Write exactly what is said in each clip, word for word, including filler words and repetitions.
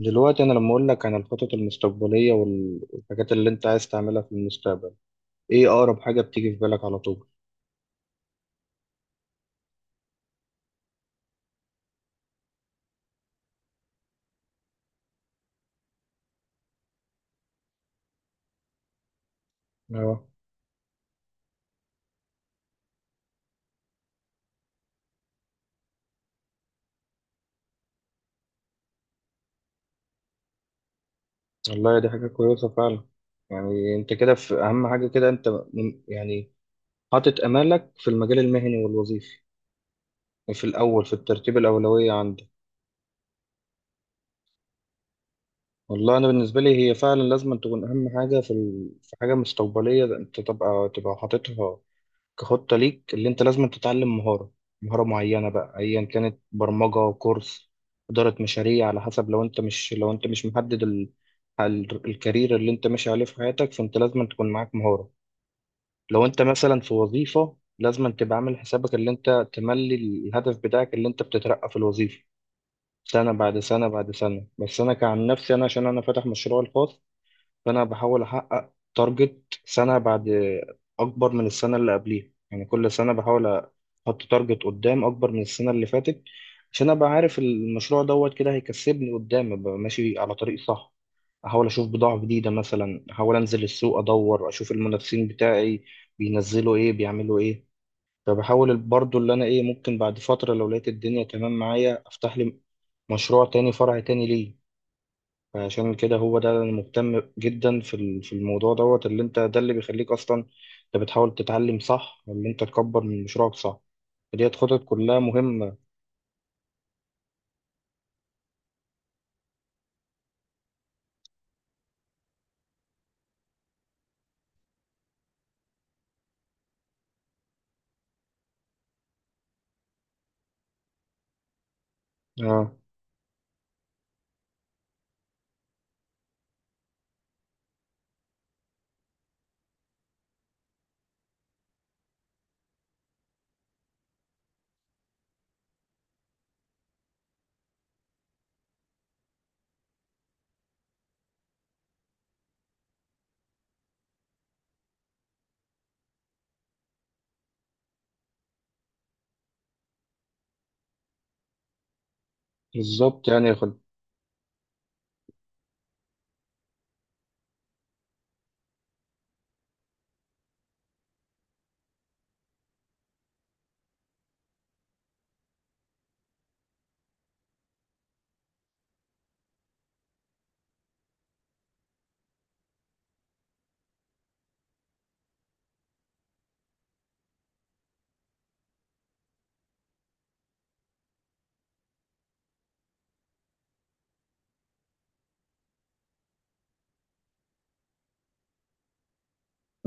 دلوقتي انا لما اقول لك عن الخطط المستقبليه وال- والحاجات اللي انت عايز تعملها في المستقبل، ايه اقرب حاجه بتيجي في بالك على طول؟ اه. والله دي حاجه كويسه فعلا. يعني انت كده في اهم حاجه، كده انت م- يعني حاطط امالك في المجال المهني والوظيفي في الاول، في الترتيب الاولويه عندك. والله انا بالنسبه لي هي فعلا لازم تكون اهم حاجه في ال... في حاجه مستقبليه انت تبقى تبقى حاططها كخطة ليك. اللي انت لازم تتعلم مهارة مهارة معينة بقى، ايا كانت برمجة، كورس، إدارة مشاريع، على حسب. لو انت مش لو انت مش محدد ال... ال- الكارير اللي انت ماشي عليه في حياتك، فانت لازم تكون معاك مهارة. لو انت مثلا في وظيفة لازم تبقى عامل حسابك، اللي انت تملي الهدف بتاعك اللي انت بتترقى في الوظيفة سنة بعد سنة بعد سنة. بس انا كعن نفسي، انا عشان انا فاتح مشروع الخاص، فانا بحاول احقق تارجت سنه بعد اكبر من السنه اللي قبليها. يعني كل سنه بحاول احط تارجت قدام اكبر من السنه اللي فاتت، عشان ابقى عارف المشروع دوت كده هيكسبني قدام، ابقى ماشي على طريق صح. احاول اشوف بضاعه جديده، مثلا احاول انزل السوق ادور اشوف المنافسين بتاعي بينزلوا ايه، بيعملوا ايه. فبحاول برضو اللي انا ايه، ممكن بعد فتره لو لقيت الدنيا تمام معايا افتح لي مشروع تاني، فرع تاني، ليه؟ عشان كده. هو ده اللي أنا مهتم جدا في ال- في الموضوع دوت. اللي انت ده اللي بيخليك اصلا انت بتحاول تتعلم صح، اللي انت تكبر من مشروعك صح. ديت خطط كلها مهمة. اه، بالظبط. يعني يا خل-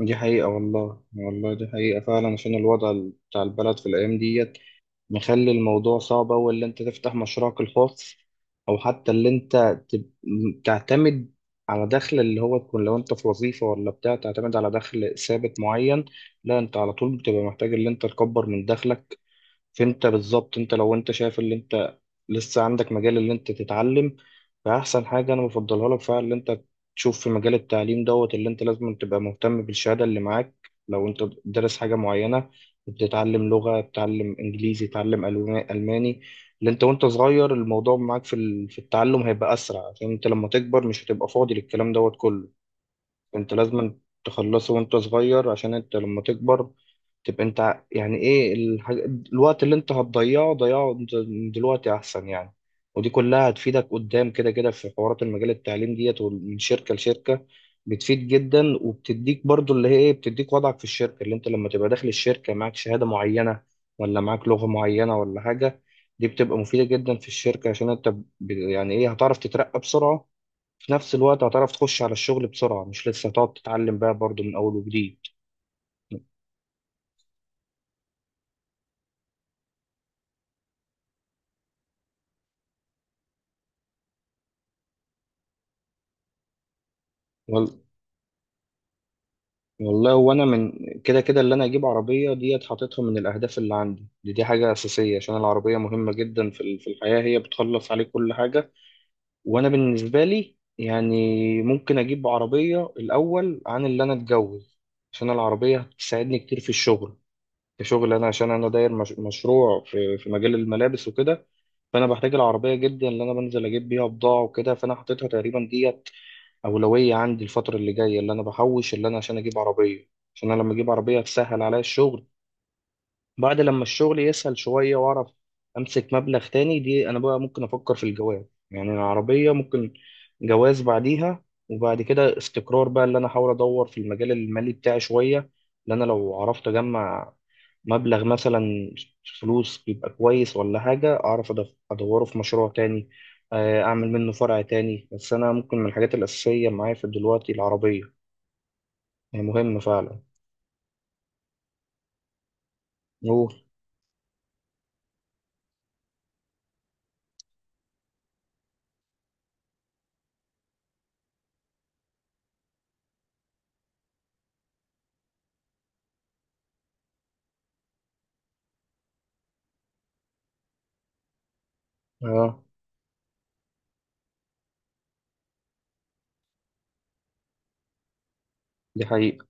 دي حقيقة، والله والله دي حقيقة فعلا. عشان الوضع ال- بتاع البلد في الأيام ديت مخلي الموضوع صعب أوي، اللي أنت تفتح مشروعك الخاص أو حتى اللي أنت تب- م- تعتمد على دخل. اللي هو تكون لو أنت في وظيفة ولا بتاع تعتمد على دخل ثابت معين، لا، أنت على طول بتبقى محتاج اللي أنت تكبر من دخلك. فانت بالظبط، انت لو انت شايف اللي انت لسه عندك مجال اللي انت تتعلم، فاحسن حاجه انا بفضلها لك فعلا اللي انت تشوف في مجال التعليم دوت. اللي انت لازم تبقى مهتم بالشهاده اللي معاك، لو انت دارس حاجه معينه، بتتعلم لغه، بتتعلم انجليزي، تتعلم ألو- الماني. اللي انت وانت صغير الموضوع معاك في ال- في التعلم هيبقى اسرع، عشان انت لما تكبر مش هتبقى فاضي للكلام دوت كله. انت لازم تخلصه وانت صغير، عشان انت لما تكبر تبقى انت ع- يعني ايه الحاج... الوقت اللي انت هتضيعه ضيعه د- من دلوقتي احسن. يعني ودي كلها هتفيدك قدام، كده كده في حوارات المجال التعليم ديت، ومن شركة لشركة بتفيد جدا. وبتديك برضو اللي هي ايه، بتديك وضعك في الشركة، اللي انت لما تبقى داخل الشركة معاك شهادة معينة ولا معاك لغة معينة ولا حاجة، دي بتبقى مفيدة جدا في الشركة، عشان انت ب... يعني ايه، هتعرف تترقى بسرعة، في نفس الوقت هتعرف تخش على الشغل بسرعة، مش لسه هتقعد تتعلم بقى برضو من أول وجديد. وال- والله، وأنا من كده كده اللي أنا أجيب عربية ديت، حاططها من الأهداف اللي عندي دي. دي حاجة أساسية عشان العربية مهمة جدا في ال- في الحياة، هي بتخلص عليك كل حاجة. وأنا بالنسبة لي يعني ممكن أجيب عربية الأول عن اللي أنا أتجوز، عشان العربية هتساعدني كتير في الشغل. كشغل أنا، عشان أنا داير مش- مشروع في في مجال الملابس وكده، فانا بحتاج العربيه جدا، اللي انا بنزل اجيب بيها بضاعه وكده. فانا حطيتها تقريبا ديت اولويه عندي الفتره اللي جايه، اللي انا بحوش اللي انا عشان اجيب عربيه، عشان انا لما اجيب عربيه هتسهل عليا الشغل. بعد لما الشغل يسهل شوية وأعرف أمسك مبلغ تاني، دي أنا بقى ممكن أفكر في الجواز. يعني العربية، ممكن جواز بعديها. وبعد كده استقرار بقى، اللي أنا أحاول أدور في المجال المالي بتاعي شوية، اللي أنا لو عرفت أجمع مبلغ مثلا فلوس يبقى كويس ولا حاجة، أعرف أدف- أدوره في مشروع تاني. آه، أعمل منه فرع تاني. بس أنا ممكن من الحاجات الأساسية معايا في دلوقتي العربية، هي مهمة فعلا. أوه. أه. دي حقيقة.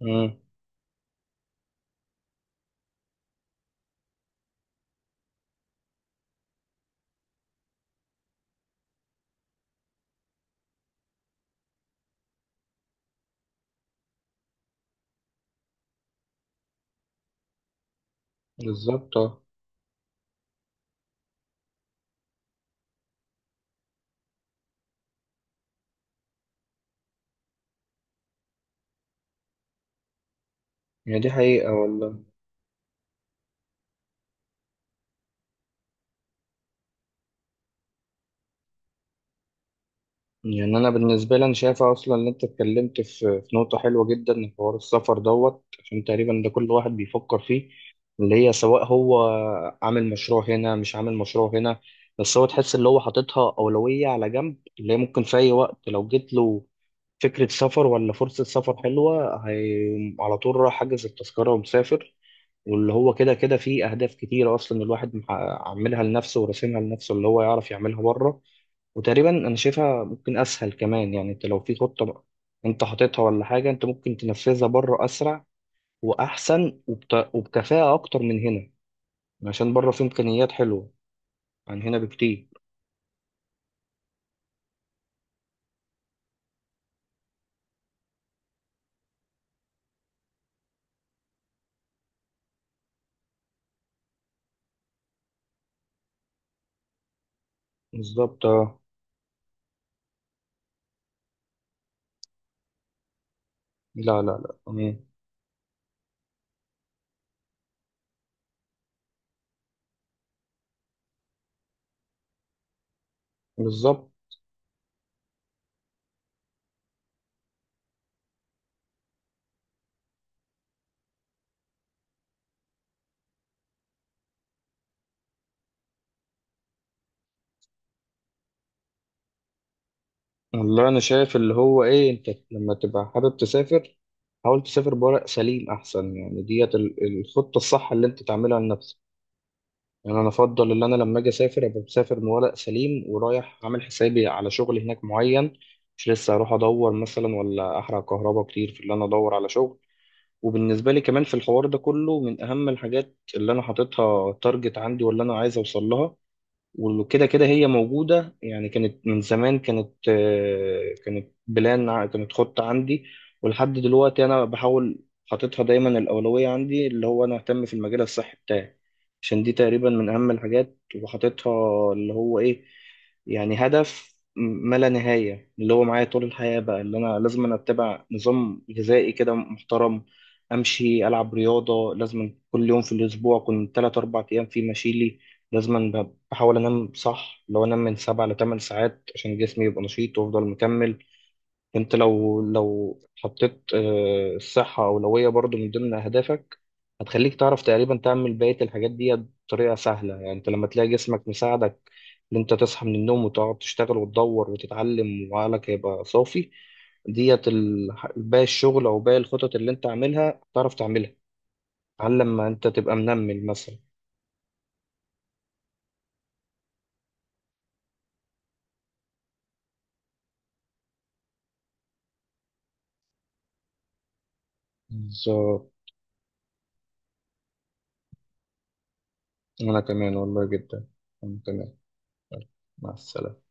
مم. بالظبط. آه. هي دي حقيقة والله. يعني أنا بالنسبة لي أنا شايفة أصلا إن أنت اتكلمت في في نقطة حلوة جدا، حوار السفر دوت، عشان تقريبا ده كل واحد بيفكر فيه. اللي هي سواء هو عامل مشروع هنا مش عامل مشروع هنا، بس هو تحس اللي هو حاططها أولوية على جنب، اللي هي ممكن في أي وقت لو جت له فكرة سفر ولا فرصة سفر حلوة، هي على طول راح حاجز التذكرة ومسافر. واللي هو كده كده فيه أهداف كتيرة أصلا الواحد محقق- عاملها لنفسه وراسمها لنفسه، اللي هو يعرف يعملها بره. وتقريبا انا شايفها ممكن اسهل كمان. يعني انت لو في خطة بقى انت حاططها ولا حاجة، انت ممكن تنفذها بره اسرع واحسن وبت... وبكفاءة اكتر من هنا، عشان بره في امكانيات حلوة عن هنا بكتير. بالظبط. آه. لا، لا، لا. مم. بالظبط. والله انا شايف اللي هو ايه، انت لما تبقى حابب تسافر، حاول تسافر بورق سليم احسن. يعني ديت ال- الخطة الصح اللي انت تعملها لنفسك. يعني انا افضل ان انا لما اجي اسافر ابقى مسافر بورق سليم، ورايح عامل حسابي على شغل هناك معين، مش لسه اروح ادور مثلا ولا احرق كهرباء كتير في اللي انا ادور على شغل. وبالنسبه لي كمان في الحوار ده كله، من اهم الحاجات اللي انا حاططها تارجت عندي واللي انا عايز اوصل لها، وكده كده هي موجودة يعني، كانت من زمان، كانت آه، كانت بلان ع- كانت خطة عندي، ولحد دلوقتي أنا بحاول حاططها دايما الأولوية عندي، اللي هو أنا أهتم في المجال الصحي بتاعي، عشان دي تقريبا من أهم الحاجات. وحاططها اللي هو إيه، يعني هدف م- ما لا نهاية اللي هو معايا طول الحياة بقى. اللي أنا لازم أنا أتبع نظام غذائي كده محترم، أمشي، ألعب رياضة لازم كل يوم في الأسبوع، كنت تلات أربع أيام في مشيلي لازم. بحاول انام صح، لو انام من سبع لثمان ساعات عشان جسمي يبقى نشيط وافضل مكمل. انت لو لو حطيت آه، الصحة أولوية برضو من ضمن أهدافك، هتخليك تعرف تقريبا تعمل بقية الحاجات دي بطريقة سهلة. يعني انت لما تلاقي جسمك مساعدك ان انت تصحى من النوم وتقعد تشتغل وتدور وتتعلم وعقلك هيبقى صافي، ديت ال- باقي الشغل او باقي الخطط اللي انت عاملها تعرف تعملها، على لما انت تبقى منمل مثلا. بالظبط. انا كمان والله جدا. انا كمان. مع السلامة.